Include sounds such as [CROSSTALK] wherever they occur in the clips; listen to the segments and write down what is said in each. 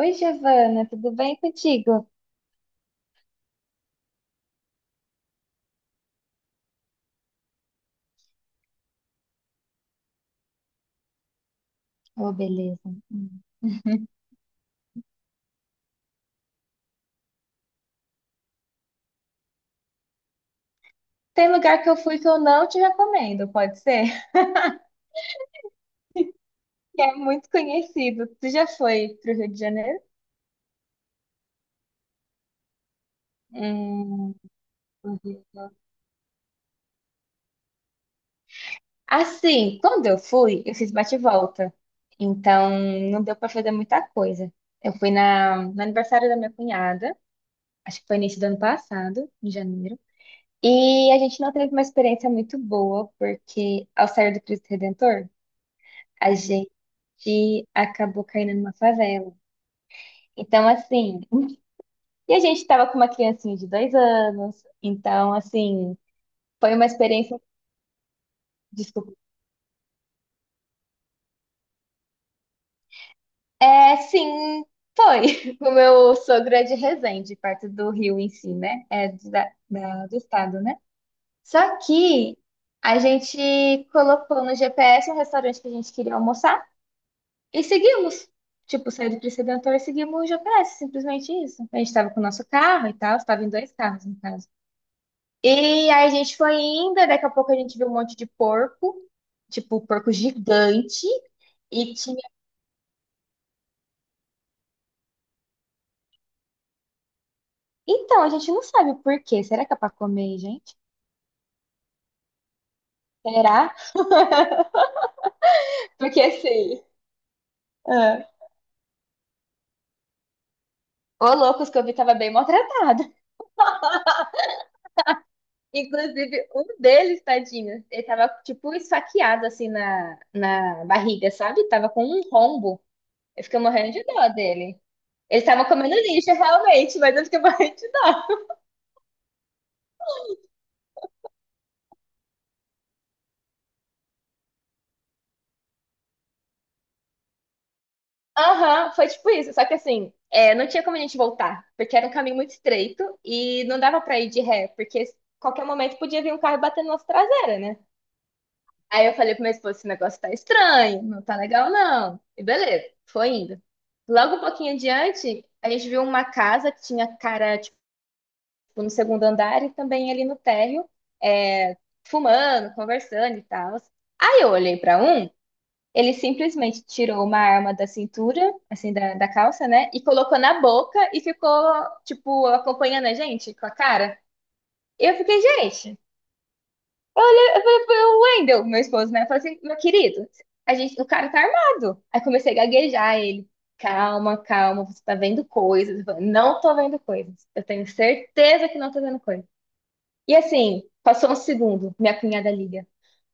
Oi, Giovana, tudo bem contigo? Oh, beleza. Hum. Tem lugar que eu fui que eu não te recomendo, pode ser? [LAUGHS] Que é muito conhecido. Tu já foi pro Rio de Janeiro? Hum. Assim, quando eu fui, eu fiz bate-volta e volta. Então, não deu para fazer muita coisa. Eu fui no aniversário da minha cunhada, acho que foi início do ano passado, em janeiro. E a gente não teve uma experiência muito boa, porque ao sair do Cristo Redentor, a gente acabou caindo numa favela. Então, assim, e a gente estava com uma criancinha de dois anos, então, assim, foi uma experiência. Desculpa. É, sim, foi. [LAUGHS] O meu sogro é de Resende, perto do Rio em si, né? É do estado, né? Só que a gente colocou no GPS um restaurante que a gente queria almoçar e seguimos. Tipo, saiu do Cristo Redentor e seguimos o GPS, simplesmente isso. A gente estava com o nosso carro e tal, estava em dois carros, no caso. E aí a gente foi indo, e daqui a pouco a gente viu um monte de porco, tipo, porco gigante, e tinha... Então, a gente não sabe o porquê. Será que é pra comer, gente? Será? [LAUGHS] Porque assim, ah, ô loucos que eu vi tava bem maltratado. [LAUGHS] Inclusive, um deles, tadinho, ele tava, tipo, esfaqueado, assim, na barriga, sabe? Tava com um rombo. Eu fiquei morrendo de dó dele. Ele tava comendo lixo, [LAUGHS] realmente, mas eu fiquei morrendo de dó. Aham, foi tipo isso. Só que assim, é, não tinha como a gente voltar, porque era um caminho muito estreito e não dava pra ir de ré, porque qualquer momento podia vir um carro e bater na nossa traseira, né? Aí eu falei pro meu esposo, esse negócio tá estranho, não tá legal não. E beleza, foi indo. Logo um pouquinho adiante, a gente viu uma casa que tinha cara, tipo, no segundo andar e também ali no térreo, é, fumando, conversando e tal. Aí eu olhei pra um. Ele simplesmente tirou uma arma da cintura, assim, da calça, né? E colocou na boca e ficou, tipo, acompanhando a gente com a cara. Eu fiquei, gente, eu falei pro Wendel, meu esposo, né? Eu falei assim, meu querido, a gente, o cara tá armado. Aí comecei a gaguejar ele. Calma, calma, você tá vendo coisas. Eu falei, não tô vendo coisas. Eu tenho certeza que não tô vendo coisas. E assim, passou um segundo, minha cunhada liga.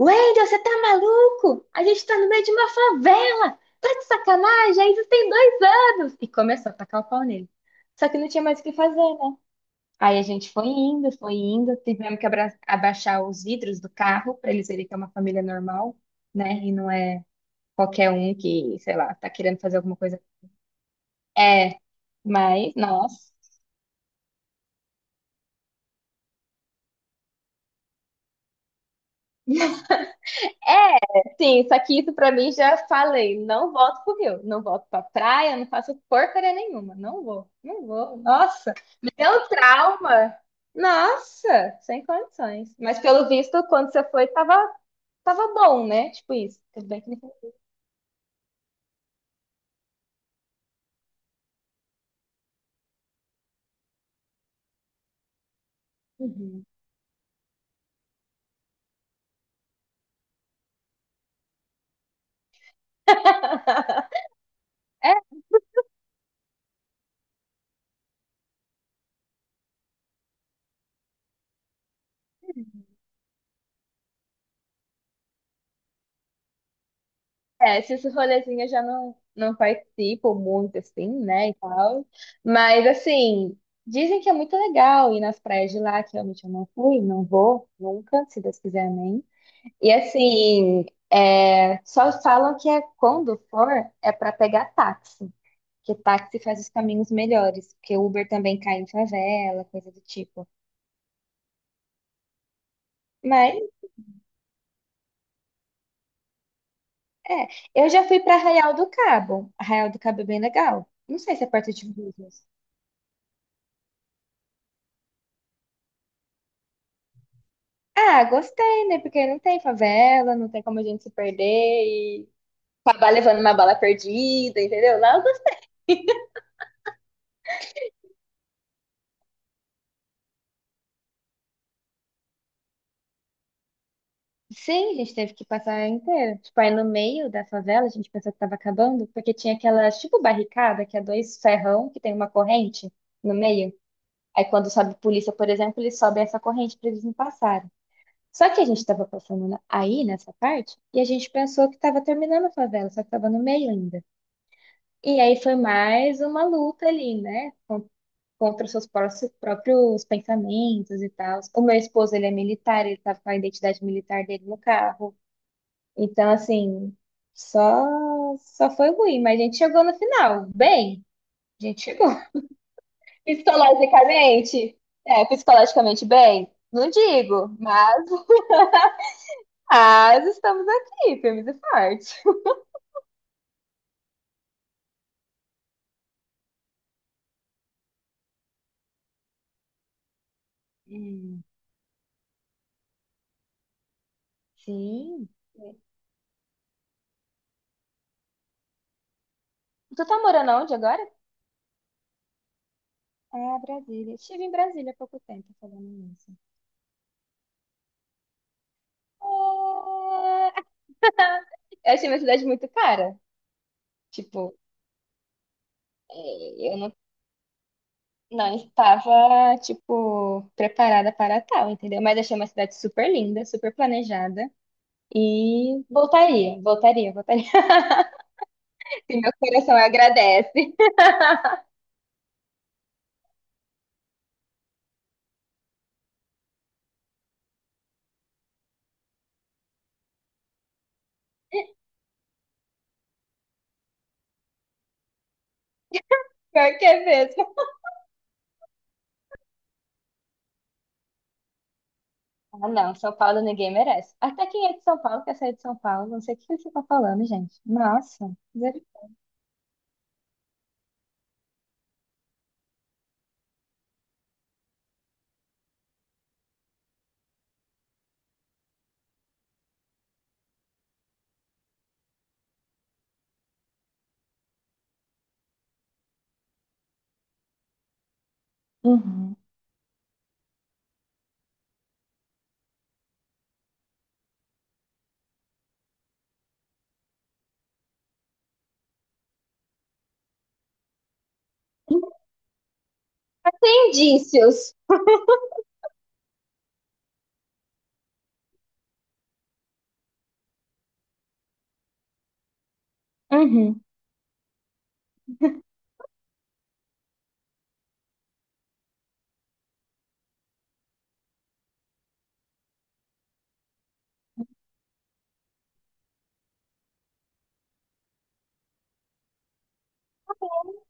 Wendel, você tá maluco? A gente tá no meio de uma favela! Tá de sacanagem? Ainda tem dois anos! E começou a tacar o pau nele. Só que não tinha mais o que fazer, né? Aí a gente foi indo, tivemos que abaixar os vidros do carro pra eles verem que é uma família normal, né? E não é qualquer um que, sei lá, tá querendo fazer alguma coisa. É, mas, nossa. Sim, só que isso pra mim já falei. Não volto pro Rio, não volto pra praia, não faço porcaria nenhuma. Não vou, não vou. Nossa, me deu trauma. Nossa, sem condições. Mas pelo visto, quando você foi, tava, tava bom, né? Tipo isso. Tudo bem que ele falou, uhum. É, esses rolezinhos eu já não participo muito, assim, né, e tal. Mas, assim, dizem que é muito legal ir nas praias de lá, que realmente eu não fui, não vou, nunca, se Deus quiser, amém. E assim, é, só falam que é quando for, é para pegar táxi, que táxi faz os caminhos melhores, porque Uber também cai em favela, coisa do tipo. Mas é, eu já fui para Arraial do Cabo. Arraial do Cabo é bem legal. Não sei se é perto de Búzios. Ah, gostei, né? Porque não tem favela, não tem como a gente se perder e acabar levando uma bala perdida, entendeu? Lá eu gostei. Sim, a gente teve que passar inteiro. Tipo, aí no meio da favela, a gente pensou que tava acabando, porque tinha aquelas, tipo, barricada, que é dois ferrão, que tem uma corrente no meio. Aí quando sobe polícia, por exemplo, eles sobem essa corrente pra eles não passarem. Só que a gente tava passando aí, nessa parte, e a gente pensou que tava terminando a favela, só que tava no meio ainda. E aí foi mais uma luta ali, né? Contra os seus próprios pensamentos e tal. O meu esposo, ele é militar, ele tava com a identidade militar dele no carro. Então, assim, só, só foi ruim, mas a gente chegou no final, bem. A gente chegou. [LAUGHS] Psicologicamente, é, psicologicamente bem, não digo, mas estamos aqui, firmes e fortes. Hum. Sim. Tu tá morando onde agora? Ah, Brasília. Estive em Brasília há pouco tempo, falando nisso. Ah, eu achei minha cidade muito cara. Tipo, é, eu não estava, tipo, preparada para tal, entendeu? Mas achei uma cidade super linda, super planejada. E voltaria, voltaria, voltaria. [LAUGHS] E meu coração agradece. Pior que é mesmo. Ah, não, São Paulo ninguém merece. Até quem é de São Paulo quer sair de São Paulo. Não sei o que você está falando, gente. Nossa, misericórdia. Uhum. Indícios. Uhum.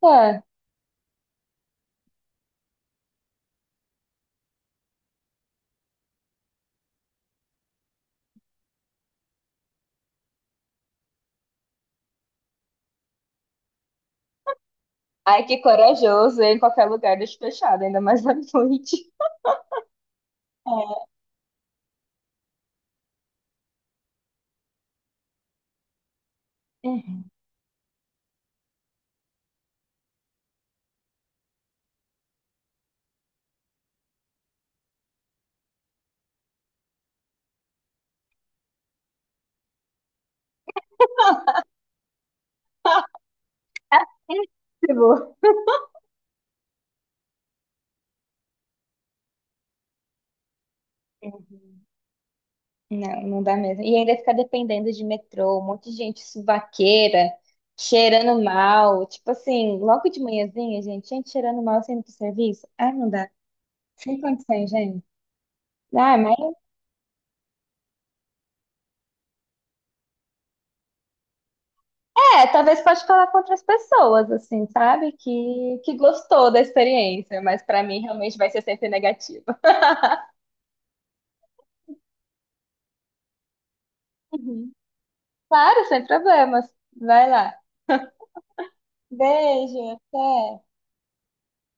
Tá. Ai, que corajoso. Em qualquer lugar, deixa fechado, ainda mais à noite. É. Uhum. [LAUGHS] Tipo, não, não dá mesmo. E ainda ficar dependendo de metrô, um monte de gente suvaqueira, cheirando mal. Tipo assim, logo de manhãzinha, gente, gente cheirando mal saindo pro serviço. Ah, não dá. Sem condições, gente. Ah, mas é, talvez pode falar com outras pessoas, assim, sabe? Que gostou da experiência, mas pra mim realmente vai ser sempre negativa. Uhum. Claro, sem problemas. Vai lá. Beijo, até.